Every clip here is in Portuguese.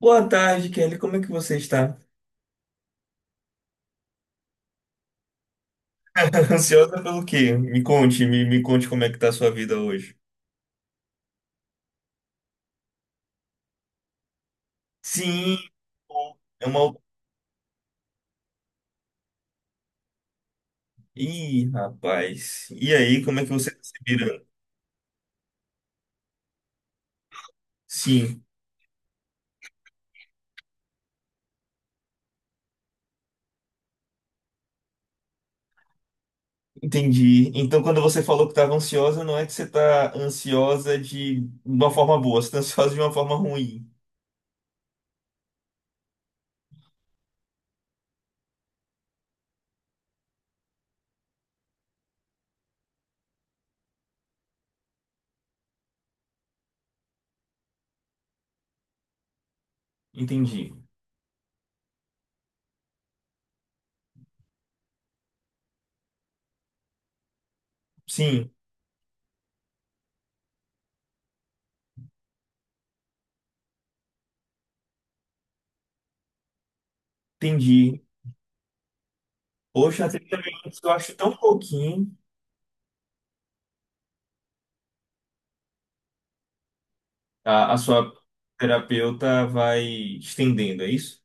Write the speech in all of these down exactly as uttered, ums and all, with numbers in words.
Boa tarde, Kelly. Como é que você está? Ansiosa pelo quê? Me conte, me, me conte como é que tá a sua vida hoje. Sim, pô, é uma. Ih, rapaz. E aí, como é que você tá se virando? Sim, entendi. Então, quando você falou que estava ansiosa, não é que você tá ansiosa de uma forma boa, você tá ansiosa de uma forma ruim. Entendi. Sim, entendi. Poxa, trinta minutos eu acho tão pouquinho. A, a sua terapeuta vai estendendo, é isso?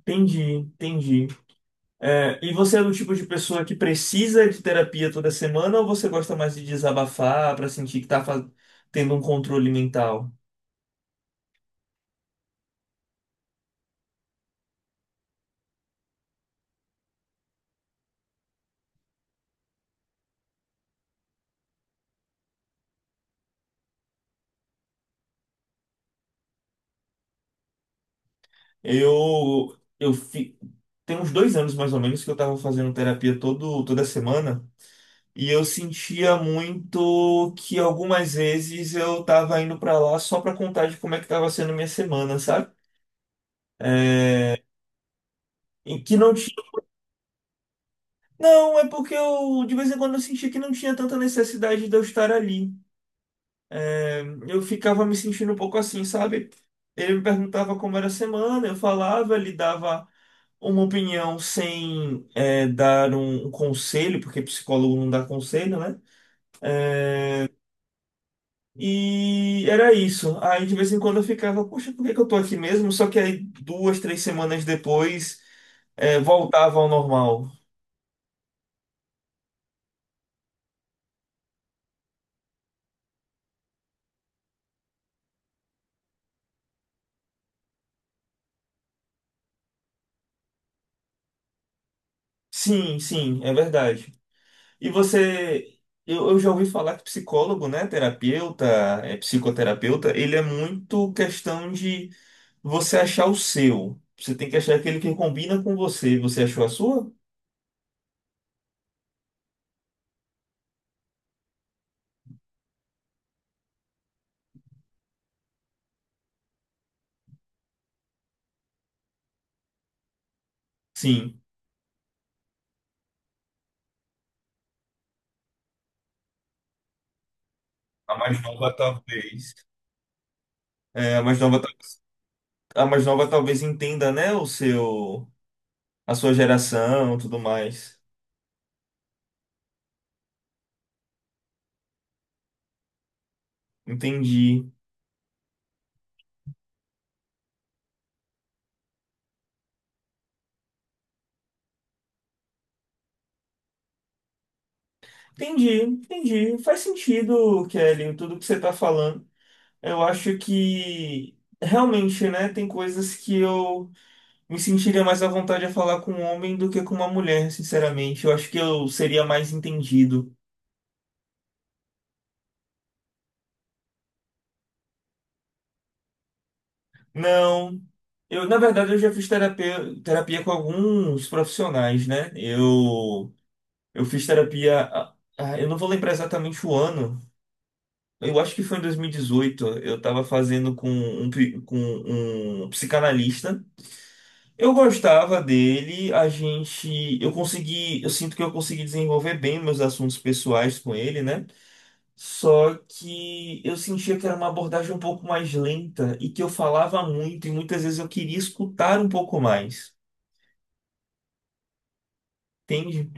Entendi, entendi. É, e você é do tipo de pessoa que precisa de terapia toda semana ou você gosta mais de desabafar para sentir que tá fa- tendo um controle mental? Eu, eu fi... Tem uns dois anos mais ou menos que eu tava fazendo terapia todo, toda semana e eu sentia muito que algumas vezes eu tava indo pra lá só pra contar de como é que tava sendo minha semana, sabe? É, e que não tinha. Não, é porque eu de vez em quando eu sentia que não tinha tanta necessidade de eu estar ali. É, eu ficava me sentindo um pouco assim, sabe? Ele me perguntava como era a semana, eu falava, ele dava uma opinião sem é, dar um, um conselho, porque psicólogo não dá conselho, né? E era isso. Aí de vez em quando eu ficava, poxa, por que que eu tô aqui mesmo? Só que aí duas, três semanas depois é, voltava ao normal. Sim, sim, é verdade. E você, eu, eu já ouvi falar que psicólogo, né, terapeuta, é, psicoterapeuta, ele é muito questão de você achar o seu. Você tem que achar aquele que combina com você. Você achou a sua? Sim. A mais nova talvez. É, a mais nova, tal- a mais nova talvez entenda, né, o seu, a sua geração, tudo mais. Entendi. Entendi, entendi. Faz sentido, Kelly, tudo que você está falando. Eu acho que realmente, né, tem coisas que eu me sentiria mais à vontade a falar com um homem do que com uma mulher, sinceramente. Eu acho que eu seria mais entendido. Não, eu, na verdade, eu já fiz terapia, terapia com alguns profissionais, né? Eu Eu fiz terapia. ah, ah, Eu não vou lembrar exatamente o ano. Eu acho que foi em dois mil e dezoito. Eu tava fazendo com um, pi- com um psicanalista. Eu gostava dele. A gente. Eu consegui. Eu sinto que eu consegui desenvolver bem meus assuntos pessoais com ele, né? Só que eu sentia que era uma abordagem um pouco mais lenta e que eu falava muito e muitas vezes eu queria escutar um pouco mais. Entende?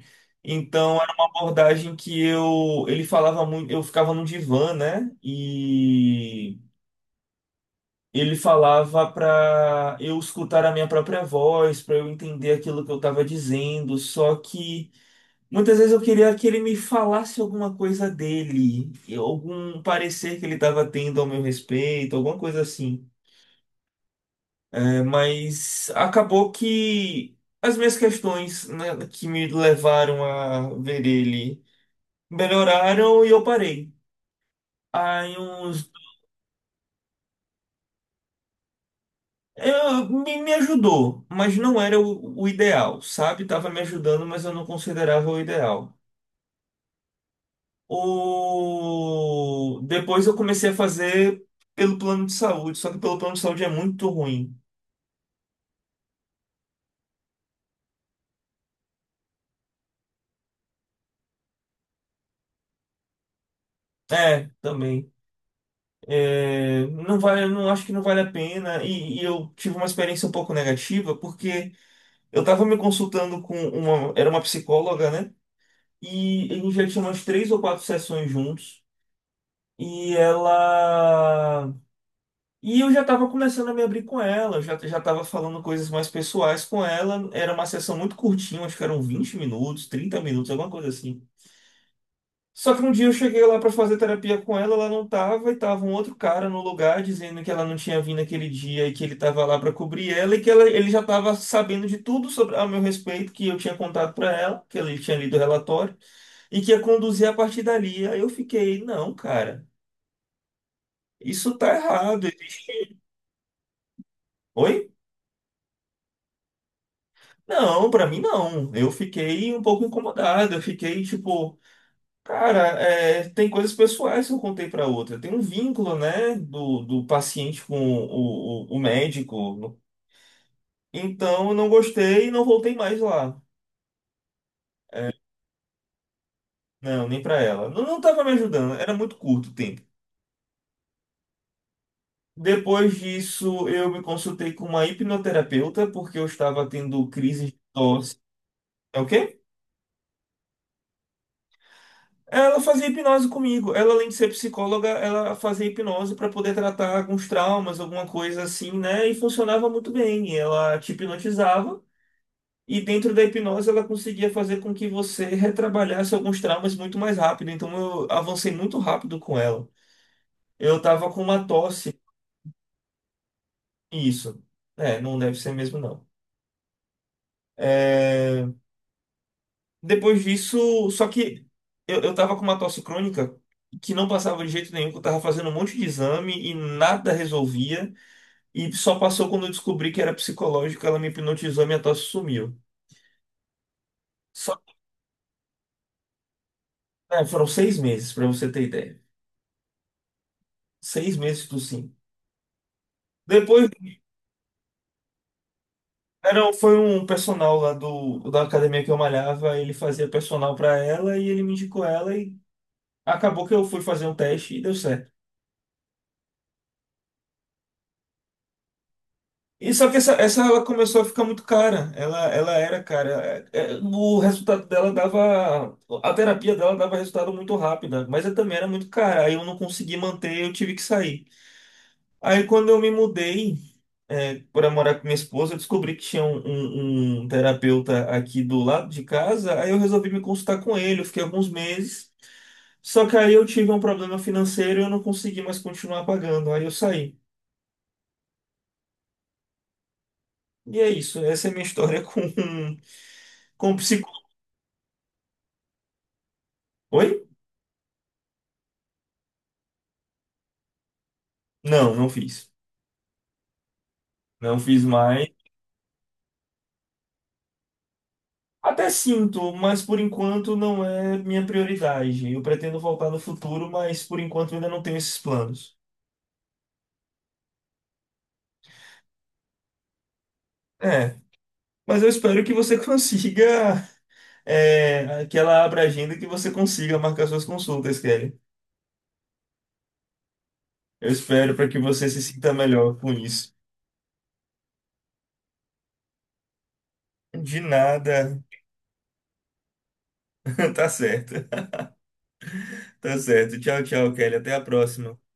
Então era uma abordagem que eu ele falava muito, eu ficava no divã, né? E ele falava para eu escutar a minha própria voz, para eu entender aquilo que eu estava dizendo, só que muitas vezes eu queria que ele me falasse alguma coisa dele, algum parecer que ele estava tendo ao meu respeito, alguma coisa assim. É, mas acabou que as minhas questões, né, que me levaram a ver ele melhoraram e eu parei. Aí uns. Eu, me, me ajudou, mas não era o, o ideal, sabe? Tava me ajudando, mas eu não considerava o ideal. O... Depois eu comecei a fazer pelo plano de saúde, só que pelo plano de saúde é muito ruim. É, também. É, não vale, não acho que não vale a pena. E, e eu tive uma experiência um pouco negativa, porque eu tava me consultando com uma. Era uma psicóloga, né? E a gente já tinha umas três ou quatro sessões juntos. E ela. E eu já estava começando a me abrir com ela, eu já, já estava falando coisas mais pessoais com ela. Era uma sessão muito curtinha, acho que eram vinte minutos, trinta minutos, alguma coisa assim. Só que um dia eu cheguei lá para fazer terapia com ela, ela não tava, e tava um outro cara no lugar dizendo que ela não tinha vindo aquele dia e que ele tava lá para cobrir ela e que ela, ele já tava sabendo de tudo sobre a meu respeito que eu tinha contado para ela, que ele tinha lido o relatório e que ia conduzir a partir dali. Aí eu fiquei, não, cara, isso tá errado. Oi? Não, pra mim não. Eu fiquei um pouco incomodado. Eu fiquei tipo, cara, é, tem coisas pessoais que eu contei pra outra. Tem um vínculo, né, do, do paciente com o, o, o médico. Então eu não gostei e não voltei mais lá. Não, nem pra ela. Não, não tava me ajudando. Era muito curto o tempo. Depois disso, eu me consultei com uma hipnoterapeuta porque eu estava tendo crises de tosse. É o quê? Ela fazia hipnose comigo. Ela, além de ser psicóloga, ela fazia hipnose para poder tratar alguns traumas, alguma coisa assim, né? E funcionava muito bem. Ela te hipnotizava e dentro da hipnose ela conseguia fazer com que você retrabalhasse alguns traumas muito mais rápido. Então eu avancei muito rápido com ela. Eu tava com uma tosse, isso. É, não deve ser mesmo não. É, Depois disso, só que eu, eu tava com uma tosse crônica que não passava de jeito nenhum, que eu tava fazendo um monte de exame e nada resolvia. E só passou quando eu descobri que era psicológica, ela me hipnotizou e minha tosse sumiu. Só, é, Foram seis meses, pra você ter ideia. Seis meses do sim. Depois, era, um, foi um personal lá do, da academia que eu malhava, ele fazia personal pra ela e ele me indicou ela e acabou que eu fui fazer um teste e deu certo. E só que essa, essa ela começou a ficar muito cara. Ela, ela era cara. É, é, O resultado dela dava. A terapia dela dava resultado muito rápido, mas ela também era muito cara. Aí eu não consegui manter, eu tive que sair. Aí quando eu me mudei é, para morar com minha esposa, eu descobri que tinha um, um- um terapeuta aqui do lado de casa. Aí eu resolvi me consultar com ele. Eu fiquei alguns meses. Só que aí eu tive um problema financeiro e eu não consegui mais continuar pagando. Aí eu saí. E é isso. Essa é a minha história com, com psicólogo. Não, não fiz. Não fiz mais. Até sinto, mas por enquanto não é minha prioridade. Eu pretendo voltar no futuro, mas por enquanto ainda não tenho esses planos. É, mas eu espero que você consiga, é, que ela abra a agenda e que você consiga marcar suas consultas, Kelly. Eu espero para que você se sinta melhor com isso. De nada. Tá certo. Tá certo. Tchau, tchau, Kelly. Até a próxima.